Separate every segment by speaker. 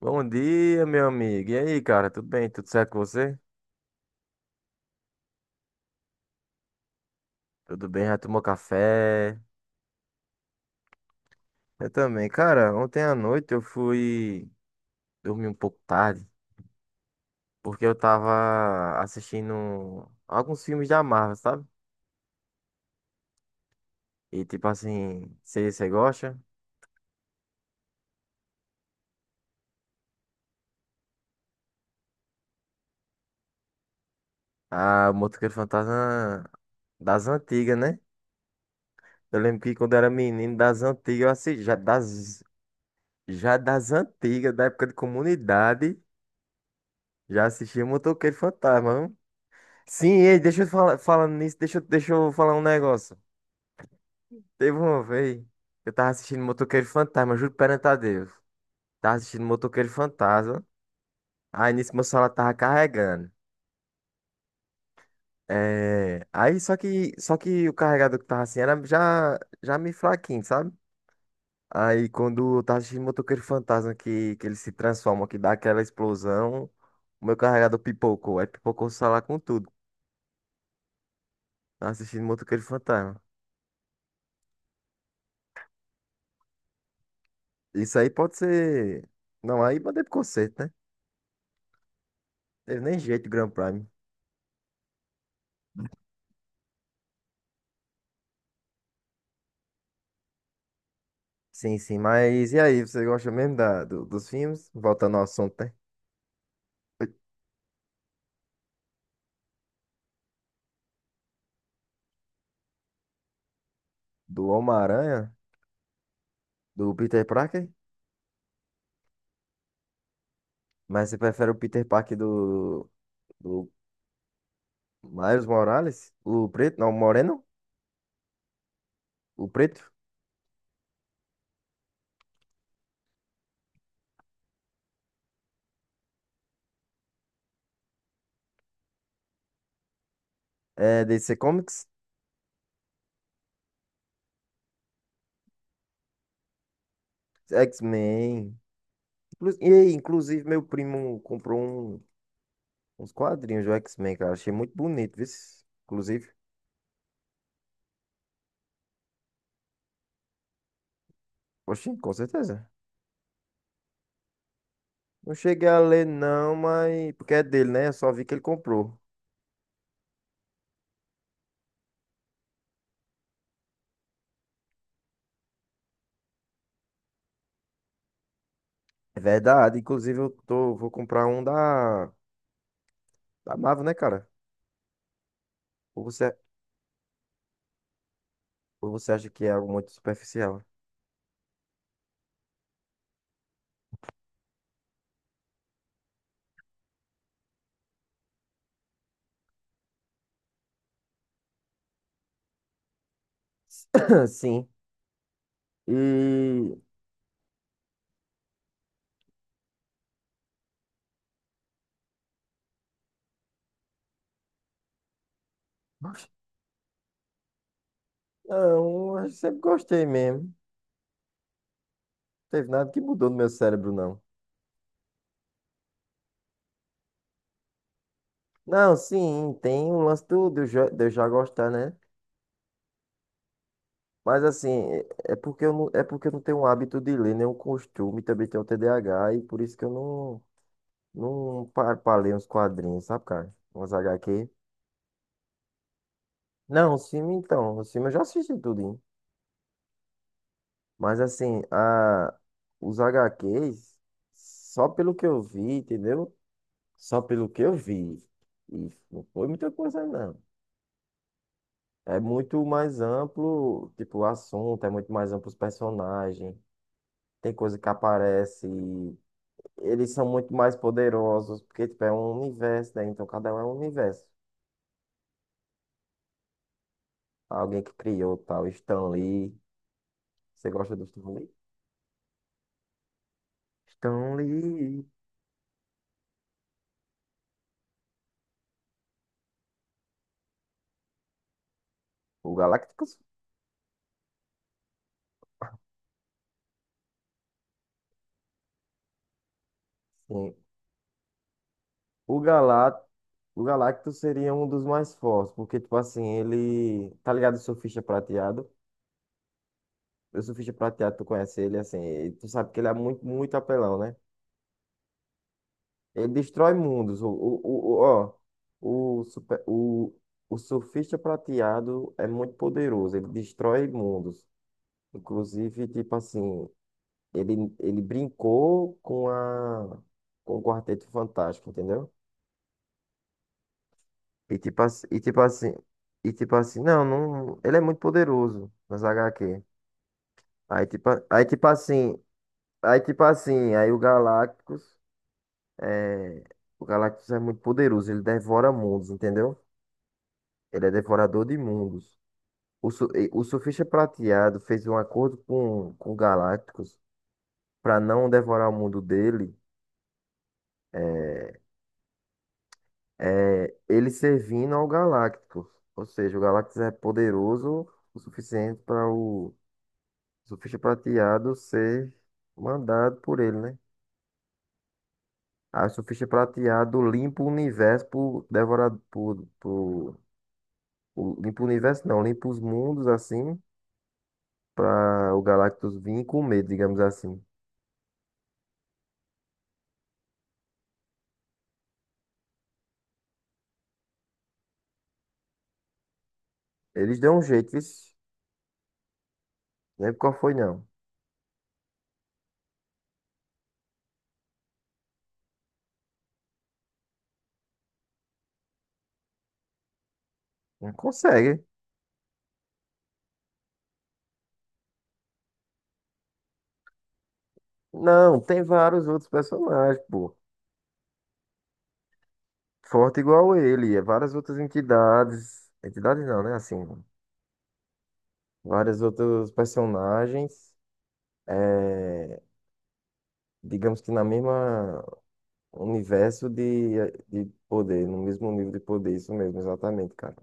Speaker 1: Bom dia, meu amigo. E aí, cara? Tudo bem? Tudo certo com você? Tudo bem? Já tomou café? Eu também. Cara, ontem à noite eu fui dormir um pouco tarde, porque eu tava assistindo alguns filmes da Marvel, sabe? E tipo assim, se você gosta? Ah, o Motoqueiro Fantasma das antigas, né? Eu lembro que quando eu era menino, das antigas, eu assisti, já das antigas, da época de comunidade, já assistia Motoqueiro Fantasma, viu? Sim, ei, deixa eu falar, falando nisso, deixa eu falar um negócio. Teve uma vez, eu tava assistindo Motoqueiro Fantasma, juro perante a Deus. Tava assistindo Motoqueiro Fantasma, aí nisso meu celular tava carregando. É, aí só que o carregador que tava assim era já meio fraquinho, sabe? Aí quando eu tava assistindo Motoqueiro Fantasma, que ele se transforma, que dá aquela explosão, o meu carregador pipocou, aí pipocou o celular com tudo. Tava assistindo Motoqueiro Fantasma. Isso aí pode ser. Não, aí mandei pro conserto, né? Teve nem jeito, Grand Prime. Sim, sim, mas e aí, você gosta mesmo dos filmes? Voltando ao assunto, né? Do Homem-Aranha? Do Peter Parker? Mas você prefere o Peter Parker do Miles Morales? O preto? Não, o moreno? O preto? É, DC Comics? X-Men. E aí, inclusive, meu primo comprou uns quadrinhos do X-Men, cara. Achei muito bonito, viu? Inclusive. Oxi, com certeza. Não cheguei a ler, não, mas. Porque é dele, né? Eu só vi que ele comprou. É verdade. Inclusive, vou comprar um da Marvel, né, cara? Ou você, ou você acha que é algo muito superficial? Sim. E. Não, eu sempre gostei mesmo. Não teve nada que mudou no meu cérebro, não. Não, sim, tem o lance de eu já gostar, né? Mas assim, é é porque eu não, é porque eu não tenho um hábito de ler, nenhum costume, também tenho TDAH, e por isso que eu não parpalei uns quadrinhos, sabe, cara? Umas HQ. Não, o filme então, o filme eu já assisti tudo, hein? Mas assim, os HQs, só pelo que eu vi, entendeu? Só pelo que eu vi. E não foi muita coisa, não. É muito mais amplo, tipo, o assunto, é muito mais amplo os personagens. Tem coisa que aparece, e eles são muito mais poderosos, porque, tipo, é um universo, né? Então cada um é um universo. Alguém que criou tal, Stan Lee. Você gosta do Stan Lee? Stan Lee. O Galactus? Sim. O Galá, o Galacto seria um dos mais fortes, porque, tipo assim, ele. Tá ligado o Surfista Prateado? O Surfista Prateado, tu conhece ele, assim, e tu sabe que ele é muito, muito apelão, né? Ele destrói mundos. O ó, o, super, o Surfista Prateado é muito poderoso, ele destrói mundos. Inclusive, tipo assim, ele brincou com o Quarteto Fantástico, entendeu? E tipo assim, e tipo assim, e tipo assim, não, não, ele é muito poderoso nas HQ. Aí tipo, a- aí tipo assim, aí o Galactus é, é muito poderoso, ele devora mundos, entendeu? Ele é devorador de mundos. O Surfista Prateado fez um acordo com o Galactus para não devorar o mundo dele, é, ele servindo ao Galactus. Ou seja, o Galactus é poderoso o suficiente para o Surfista prateado ser mandado por ele, né? Aí o surfista prateado limpa o universo por devorar limpa o universo não, limpa os mundos assim para o Galactus vir comer, digamos assim. Eles dão um jeito, isso. Lembro qual foi, não. Não consegue. Não, tem vários outros personagens, pô. Forte igual ele, é várias outras entidades. Entidades não, né? Assim, várias outros personagens. É, digamos que na mesma. Universo de poder, no mesmo nível de poder, isso mesmo, exatamente, cara.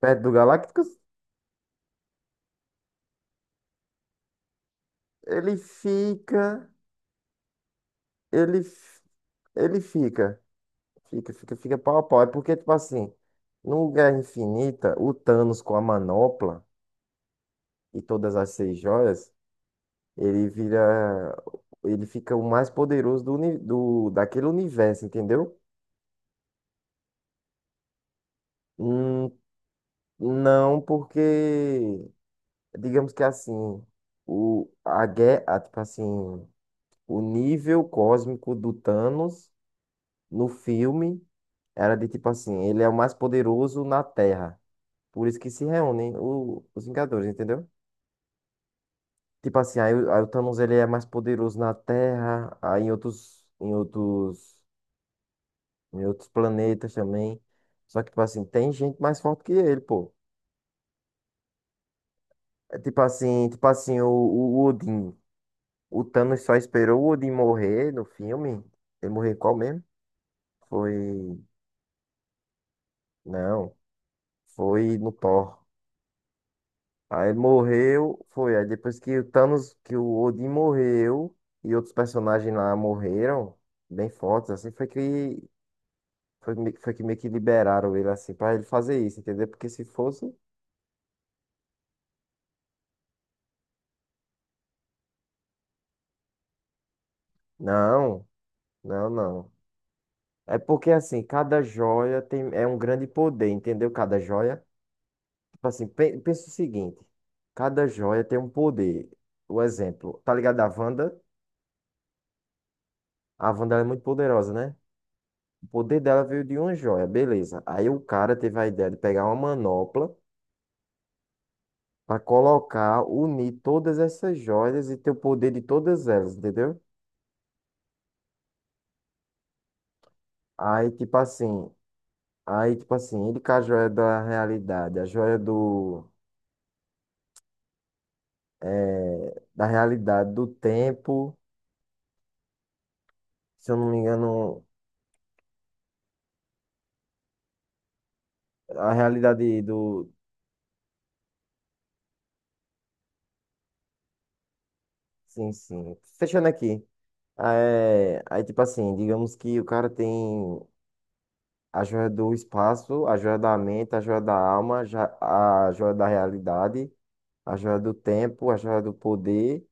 Speaker 1: Perto do Galácticos, ele fica. Ele, f- ele fica. Fica, fica, fica pau a pau. É porque, tipo assim, no Guerra Infinita, o Thanos com a manopla e todas as seis joias, ele vira. Ele fica o mais poderoso daquele universo, entendeu? Hum, não, porque. Digamos que assim. A guerra, tipo assim. O nível cósmico do Thanos no filme era de tipo assim, ele é o mais poderoso na Terra. Por isso que se reúnem os Vingadores, entendeu? Tipo assim, aí o Thanos ele é mais poderoso na Terra, aí em outros planetas também. Só que, tipo assim, tem gente mais forte que ele, pô. É tipo assim, o Odin. O Thanos só esperou o Odin morrer no filme. Ele morreu em qual mesmo? Foi. Não. Foi no Thor. Aí morreu, foi. Aí depois que que o Odin morreu e outros personagens lá morreram, bem fortes, assim, foi que meio que liberaram ele assim pra ele fazer isso, entendeu? Porque se fosse, não, não, não. É porque assim, cada joia tem é um grande poder, entendeu? Cada joia, tipo assim, pensa o seguinte, cada joia tem um poder. O exemplo, tá ligado a Wanda? A Wanda ela é muito poderosa, né? O poder dela veio de uma joia, beleza. Aí o cara teve a ideia de pegar uma manopla pra colocar, unir todas essas joias e ter o poder de todas elas, entendeu? Aí, tipo assim, aí, tipo assim, ele com a joia da realidade, a joia do, eh, da realidade do tempo, se eu não me engano, a realidade do, sim, sim, fechando aqui. Aí, tipo assim, digamos que o cara tem a joia do espaço, a joia da mente, a joia da alma, a joia da realidade, a joia do tempo, a joia do poder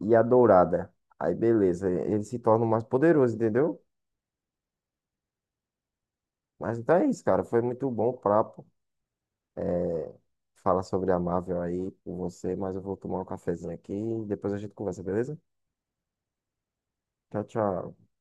Speaker 1: e a dourada. Aí beleza, ele se torna o mais poderoso, entendeu? Mas então é isso, cara. Foi muito bom o papo. É, fala sobre a Marvel aí com você, mas eu vou tomar um cafezinho aqui e depois a gente conversa, beleza? Tchau, tchau.